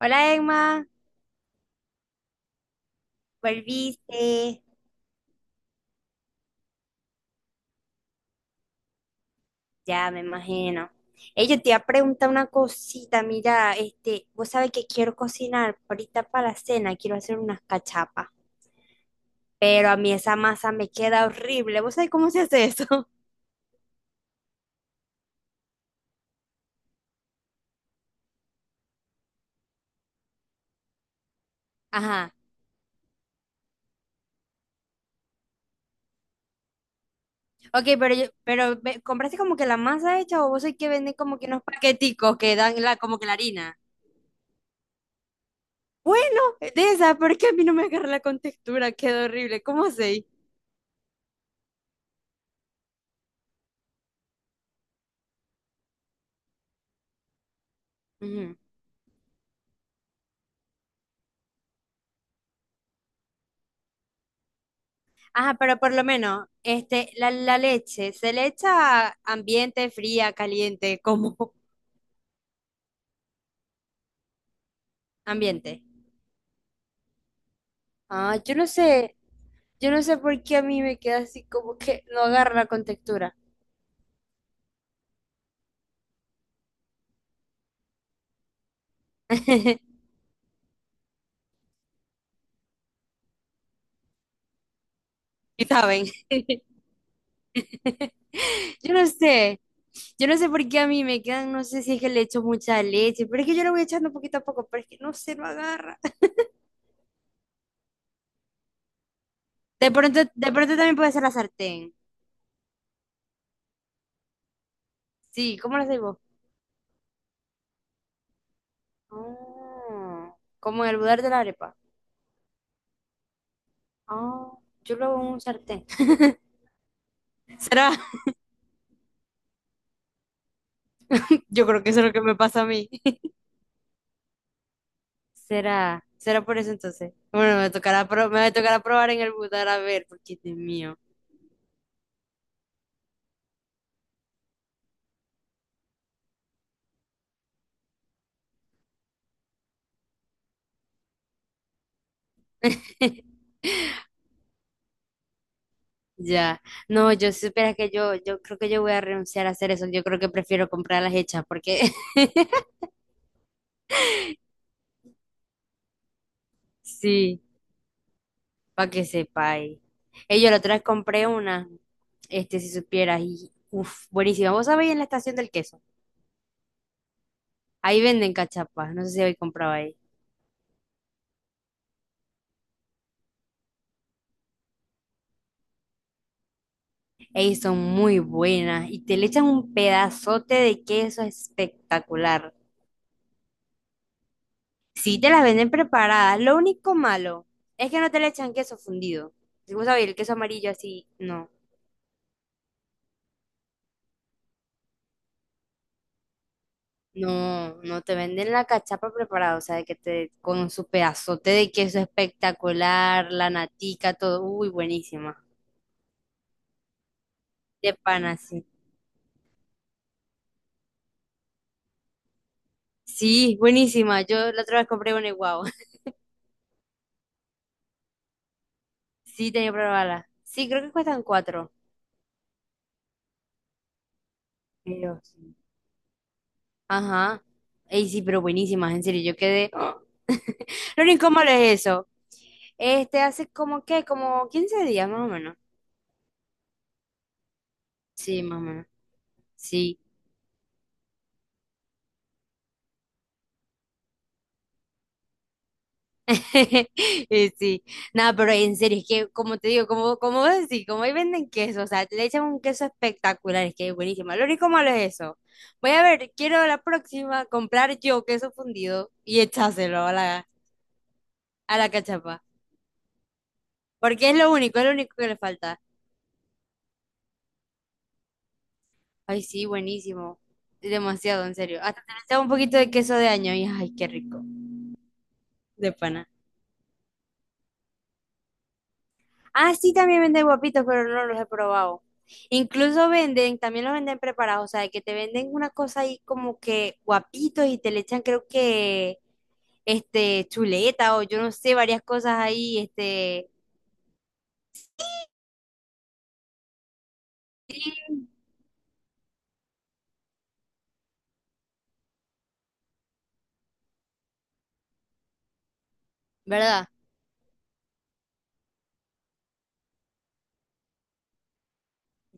Hola Emma, volviste, ya me imagino. Ey, yo te iba a preguntar una cosita, mira, este, vos sabés que quiero cocinar ahorita para la cena, quiero hacer unas cachapas, pero a mí esa masa me queda horrible, ¿vos sabés cómo se hace eso? Ajá, ok, pero, ¿compraste como que la masa hecha o vos sabés que venden como que unos paqueticos que dan la, como que la harina? Bueno, de esa, porque a mí no me agarra la contextura, queda horrible, ¿cómo hacéis? Ajá, pero por lo menos, este, la leche, ¿se le echa ambiente, fría, caliente, como ambiente? Ah, yo no sé por qué a mí me queda así como que no agarra la contextura. Y saben, yo no sé, yo no sé por qué a mí me quedan, no sé si es que le echo mucha leche, pero es que yo lo voy echando poquito a poco, pero es que no se lo agarra. De pronto también puede ser la sartén. Sí, ¿cómo lo hacéis vos? Ah, como en el budar de la arepa. Ah, yo lo hago en un sartén. ¿Será? Yo creo que eso es lo que me pasa a mí. ¿Será? ¿Será por eso entonces? Bueno, me tocará, me tocará probar en el budar a ver, porque Dios mío. Ya. No, yo supieras que yo creo que yo voy a renunciar a hacer eso. Yo creo que prefiero comprar las hechas, porque sí, para que sepáis. Yo la otra vez compré una, este, si supieras, y uff, buenísima. ¿Vos sabéis en la estación del queso? Ahí venden cachapas. No sé si habéis comprado ahí. Ey, son muy buenas y te le echan un pedazote de queso espectacular. Sí, te las venden preparadas. Lo único malo es que no te le echan queso fundido. Si vos sabés, el queso amarillo así, no. No, no te venden la cachapa preparada, o sea, de que te con su pedazote de queso espectacular, la natica, todo. Uy, buenísima. De pan así. Sí, buenísima. Yo la otra vez compré una igual. Sí, tenía que probarla. Sí, creo que cuestan cuatro. Dios. Ajá. Ey, sí, pero buenísimas, en serio, yo quedé. ¡Ah! Lo incómodo es eso. Este hace como que, como 15 días más o menos. Sí, más o menos. Sí. Sí. Nada, pero en serio, es que como te digo, como, vos decís, como ahí venden queso, o sea, le echan un queso espectacular, es que es buenísimo. Lo único malo es eso. Voy a ver, quiero la próxima comprar yo queso fundido y echárselo a la cachapa. Porque es lo único que le falta. Ay, sí, buenísimo. Demasiado, en serio. Hasta te le echaba un poquito de queso de año y ay, qué rico. De pana. Ah, sí, también venden guapitos, pero no los he probado. Incluso venden, también los venden preparados, o sea, que te venden una cosa ahí como que guapitos y te le echan creo que este chuleta o yo no sé, varias cosas ahí, este, ¿verdad?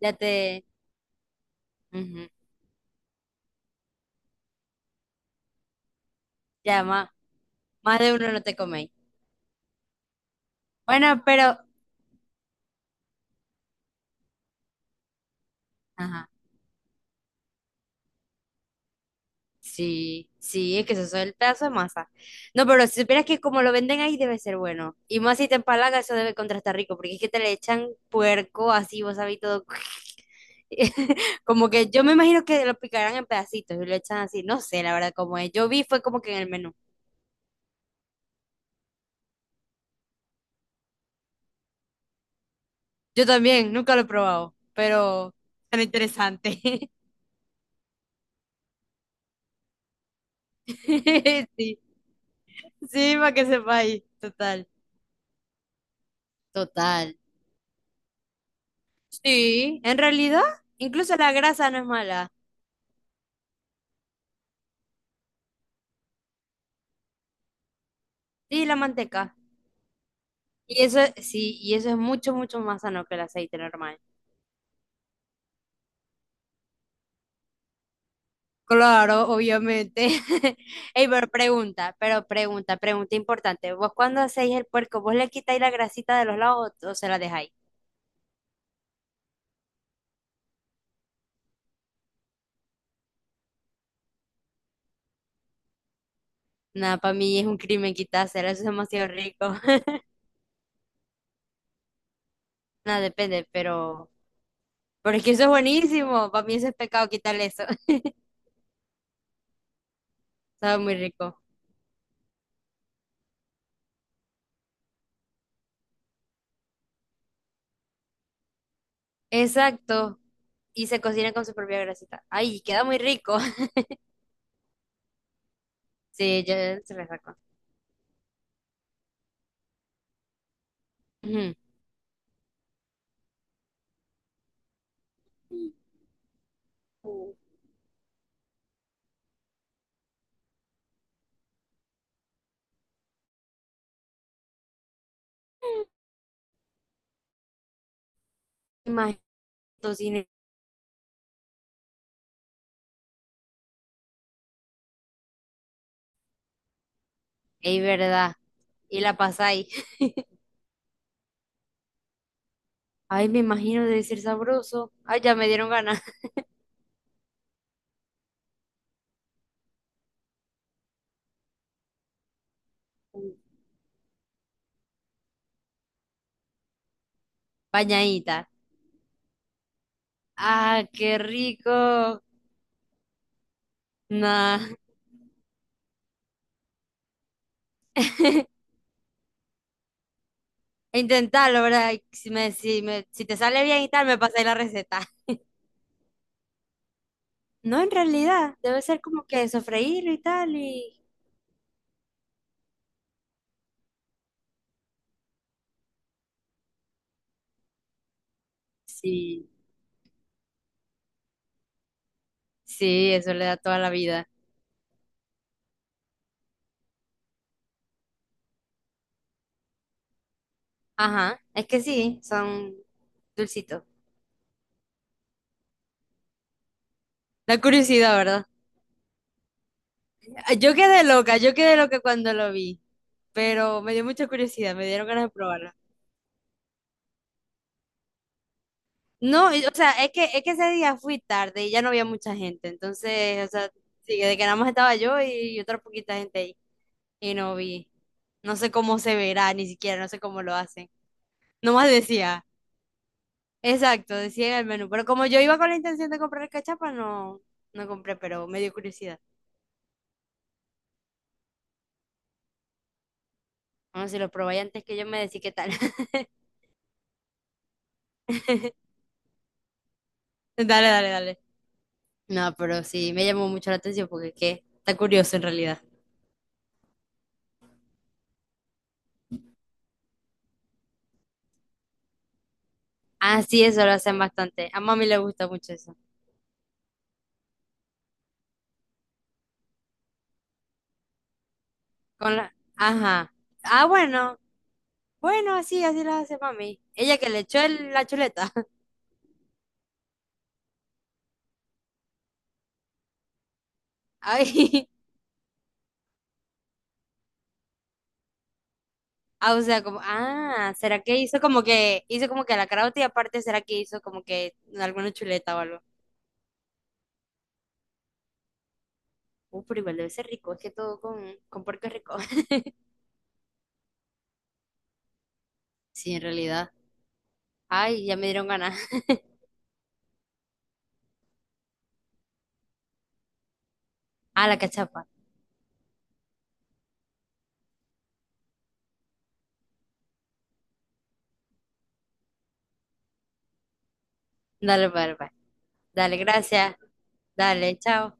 Ya te, ujú, Ya más, más de uno no te coméis. Bueno, pero, ajá. Sí, sí, es que eso es el pedazo de masa. No, pero si supieras que como lo venden ahí debe ser bueno. Y más si te empalaga, eso debe contrastar rico, porque es que te le echan puerco así, vos sabés todo. Como que yo me imagino que lo picarán en pedacitos y lo echan así. No sé, la verdad, cómo es. Yo vi fue como que en el menú. Yo también, nunca lo he probado, pero tan interesante. Sí, sí, para que sepáis. Total. Total. Sí, en realidad, incluso la grasa no es mala. Sí, la manteca. Y eso, sí, y eso es mucho, mucho más sano que el aceite normal. Claro, obviamente. Ey, pero pregunta, pregunta importante. ¿Vos cuando hacéis el puerco, vos le quitáis la grasita de los lados o se la dejáis? Nada, para mí es un crimen quitársela, eso es demasiado rico. Nada, depende, pero... Pero es que eso es buenísimo, para mí eso es pecado quitarle eso. Sabe muy rico. Exacto, y se cocina con su propia grasita. Ay, queda muy rico. Sí, yo se le saco. Ujú. Tu cine. Es verdad. Y la pasáis. Ay, me imagino debe ser sabroso. Ay, ya me dieron ganas. Bañadita. Ah, qué rico. Nah. Intentarlo, ¿verdad? Y si te sale bien y tal, me pasáis la receta. No, en realidad, debe ser como que sofreírlo y tal y... Sí, sí, eso le da toda la vida. Ajá, es que sí, son dulcitos. La curiosidad, ¿verdad? Ah, yo quedé loca, yo quedé loca cuando lo vi, pero me dio mucha curiosidad, me dieron ganas de probarla. No, o sea, es que ese día fui tarde y ya no había mucha gente, entonces, o sea, sí, de que nada más estaba yo y otra poquita gente ahí, y no vi. No sé cómo se verá, ni siquiera, no sé cómo lo hacen. Nomás decía, exacto, decía en el menú, pero como yo iba con la intención de comprar cachapa, no, no compré, pero me dio curiosidad. Vamos, si lo probáis antes que yo me decís qué tal. Dale, dale, dale. No, pero sí, me llamó mucho la atención porque es que está curioso en realidad. Ah, sí, eso lo hacen bastante. A mami le gusta mucho eso. Con la... Ajá. Ah, bueno. Bueno, así, así lo hace mami. Ella que le echó la chuleta. Ay. Ah, o sea, como, ¿será que hizo como que, hizo como que la carota y aparte será que hizo como que alguna chuleta o algo? Pero igual debe ser rico, es que todo con, puerco es rico. Sí, en realidad. Ay, ya me dieron ganas. Ah, la cachapa. Dale, dale, dale, pues. Dale, gracias. Dale, chao.